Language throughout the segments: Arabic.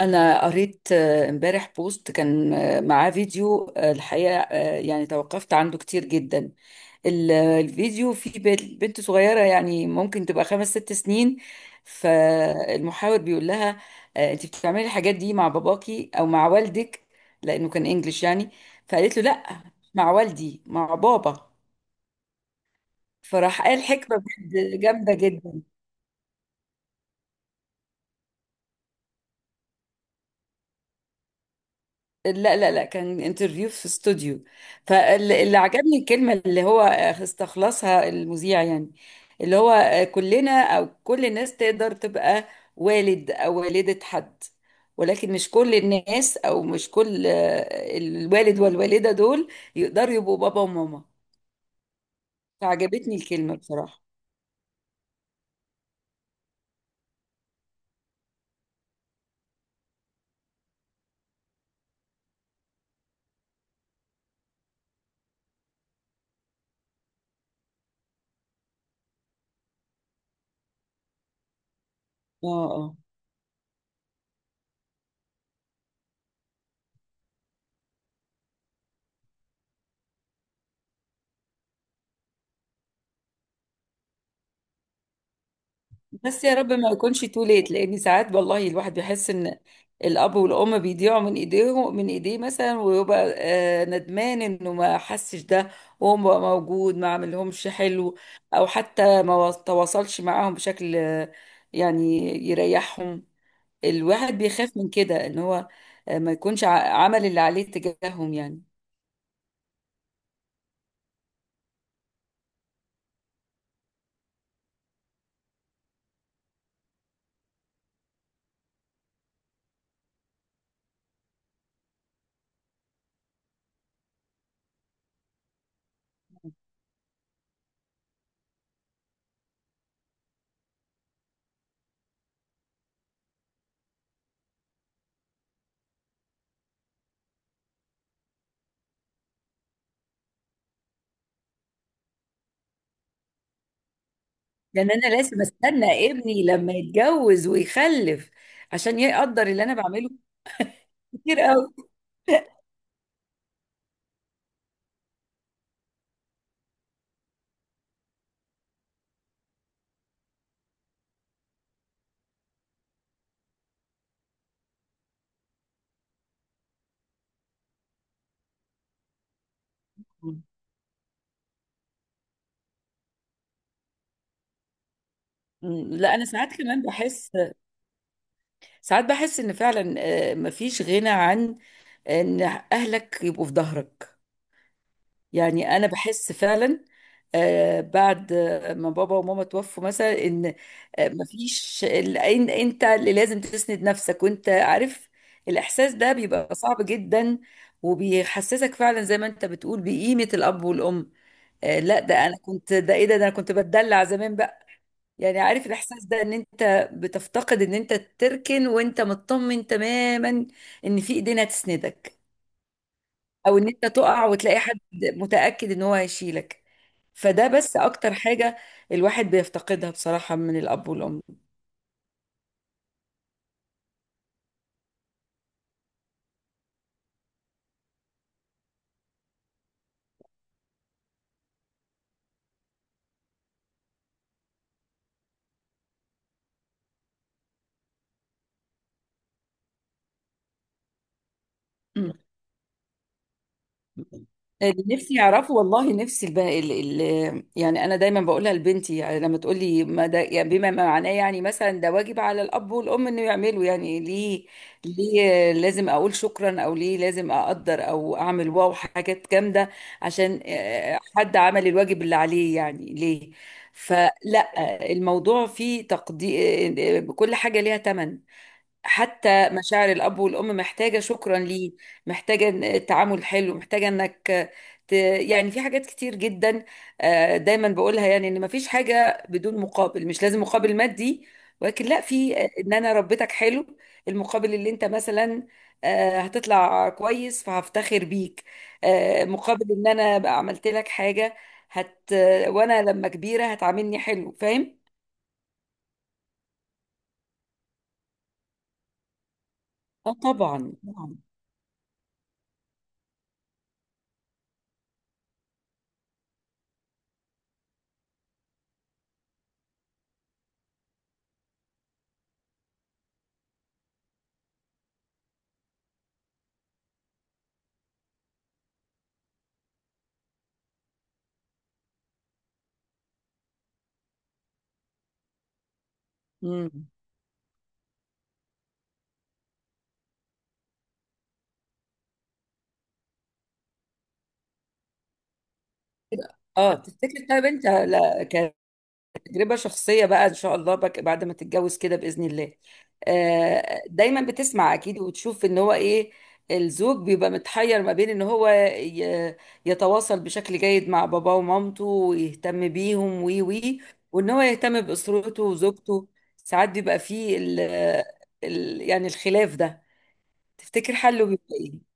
أنا قريت امبارح بوست كان معاه فيديو الحقيقة يعني توقفت عنده كتير جدا. الفيديو فيه بنت صغيرة يعني ممكن تبقى خمس ست سنين. فالمحاور بيقول لها أنت بتعملي الحاجات دي مع باباكي أو مع والدك، لأنه كان إنجليش يعني. فقالت له لأ، مع والدي مع بابا. فراح قال حكمة بجد جامدة جدا. لا لا لا، كان انترفيو في استوديو. فاللي عجبني الكلمة اللي هو استخلصها المذيع يعني، اللي هو كلنا أو كل الناس تقدر تبقى والد أو والدة حد، ولكن مش كل الناس أو مش كل الوالد والوالدة دول يقدروا يبقوا بابا وماما. فعجبتني الكلمة بصراحة. اه اه، بس يا رب ما يكونش تو ليت، لان ساعات والله الواحد بيحس ان الاب والام بيضيعوا من ايديهم من ايديه مثلا، ويبقى ندمان انه ما حسش ده وهو بقى موجود، ما عملهمش حلو، او حتى ما و- تواصلش معاهم بشكل يعني يريحهم. الواحد بيخاف من كده ان هو ما يكونش عمل اللي عليه تجاههم يعني. لان انا لازم استنى ابني لما يتجوز ويخلف عشان يقدر اللي انا بعمله، كتير قوي. مم، لا انا ساعات كمان بحس، ساعات بحس ان فعلا مفيش غنى عن ان اهلك يبقوا في ظهرك. يعني انا بحس فعلا بعد ما بابا وماما توفوا مثلا ان انت اللي لازم تسند نفسك، وانت عارف الاحساس ده بيبقى صعب جدا، وبيحسسك فعلا زي ما انت بتقول بقيمة الاب والام. لا ده انا كنت، ده ايه ده ده انا كنت بتدلع زمان يعني. عارف الاحساس ده ان انت بتفتقد ان انت تركن وانت مطمن تماما ان في ايدين هتسندك، او ان انت تقع وتلاقي حد متأكد ان هو هيشيلك. فده بس اكتر حاجة الواحد بيفتقدها بصراحة من الاب والام. اللي نفسي يعرفه والله، نفسي البقى ال... ال... يعني انا دايما بقولها لبنتي، يعني لما تقول لي ما ده يعني بما معناه، يعني مثلا ده واجب على الاب والام انه يعملوا، يعني ليه؟ ليه لازم اقول شكرا، او ليه لازم اقدر او اعمل واو حاجات جامده عشان حد عمل الواجب اللي عليه يعني؟ ليه؟ فلا، الموضوع فيه تقدير، كل حاجه ليها ثمن. حتى مشاعر الأب والأم محتاجة شكرا، ليه؟ محتاجة تعامل حلو، محتاجة إنك ت... يعني في حاجات كتير جدا. دايما بقولها، يعني إن مفيش حاجة بدون مقابل، مش لازم مقابل مادي، ولكن لا، في إن أنا ربيتك حلو، المقابل اللي أنت مثلا هتطلع كويس فهفتخر بيك، مقابل إن أنا بقى عملت لك حاجة، هت، وأنا لما كبيرة هتعاملني حلو. فاهم؟ اه طبعا طبعا. اه تفتكر طيب انت، لا، كتجربة شخصية بقى ان شاء الله بك بعد ما تتجوز كده بإذن الله، دايما بتسمع اكيد وتشوف ان هو ايه. الزوج بيبقى متحير ما بين ان هو يتواصل بشكل جيد مع باباه ومامته ويهتم بيهم وي، وان هو يهتم بأسرته وزوجته. ساعات بيبقى فيه ال يعني الخلاف ده، تفتكر حله بيبقى ايه؟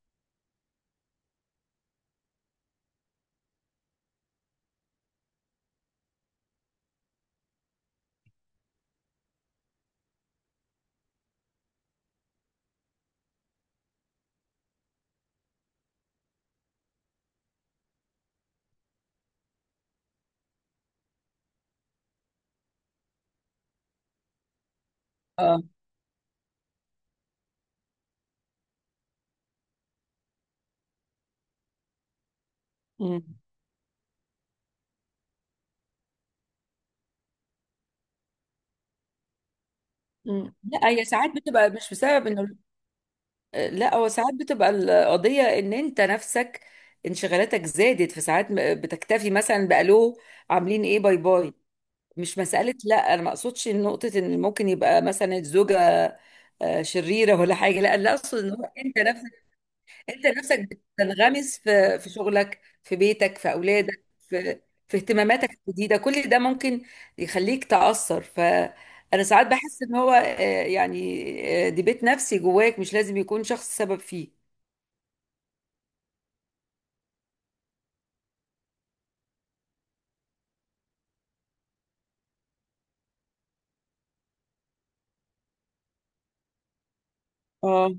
اه، مم. مم. لا هي ساعات بتبقى مش بسبب انه، لا هو ساعات بتبقى القضية ان انت نفسك، انشغالاتك زادت. في ساعات بتكتفي مثلا بألو، عاملين ايه، باي باي. مش مسألة، لا انا ما اقصدش نقطة ان ممكن يبقى مثلا الزوجة شريرة ولا حاجة، لا اللي اقصد ان هو انت نفسك. انت نفسك بتنغمس في شغلك، في بيتك، في اولادك، في في اهتماماتك الجديدة، كل ده ممكن يخليك تأثر ف، انا ساعات بحس ان هو يعني دي بيت نفسي جواك، مش لازم يكون شخص سبب فيه. اه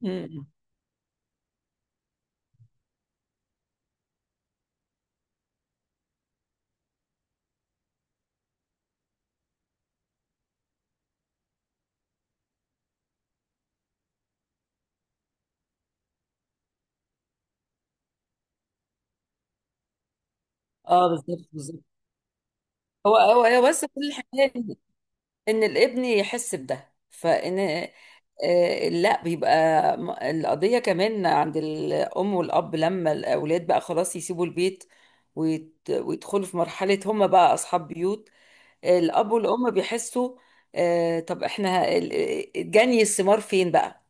مم. اه بالظبط بالظبط. هو بس كل الحكايه ان، إن الابن يحس بده، فان لا بيبقى، القضيه كمان عند الام والاب لما الاولاد بقى خلاص يسيبوا البيت، ويدخلوا في مرحله هم بقى اصحاب بيوت، الاب والام بيحسوا طب احنا جني الثمار فين بقى؟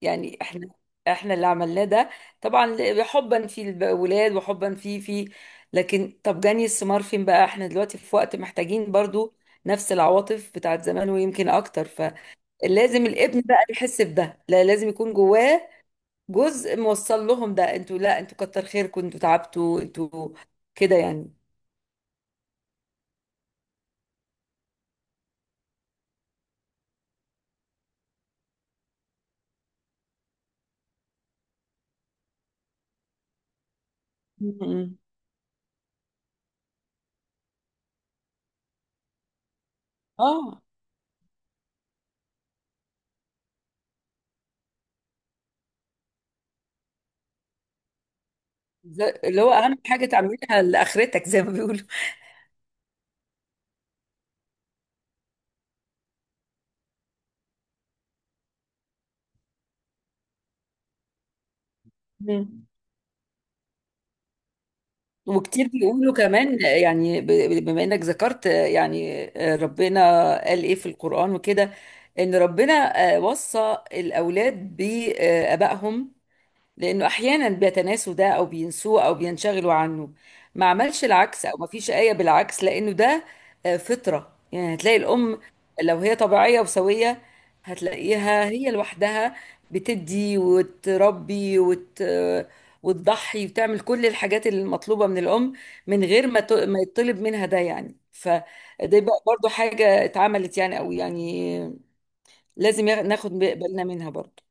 يعني احنا، احنا اللي عملناه ده طبعا حبا في الولاد وحبا في في، لكن طب جني الثمار فين بقى؟ احنا دلوقتي في وقت محتاجين برضو نفس العواطف بتاعت زمان ويمكن اكتر. فلازم الابن بقى يحس بده، لا لازم يكون جواه جزء موصل لهم ده، انتوا، لا انتوا كتر خيركم، انتوا تعبتوا انتوا، كده يعني. م- م. اه اللي هو اهم حاجة تعملها لاخرتك زي ما بيقولوا. وكتير بيقولوا كمان، يعني بما انك ذكرت يعني ربنا قال ايه في القرآن وكده، ان ربنا وصى الاولاد بابائهم لأنه أحيانا بيتناسوا ده أو بينسوه أو بينشغلوا عنه. ما عملش العكس أو ما فيش آية بالعكس، لأنه ده فطرة. يعني هتلاقي الأم لو هي طبيعية وسوية، هتلاقيها هي لوحدها بتدي وتربي وت... وتضحي وتعمل كل الحاجات المطلوبة من الأم، من غير ما ت... ما يطلب منها ده يعني. فده بقى برضو حاجة اتعملت يعني، أو يعني لازم ناخد بالنا منها برضو.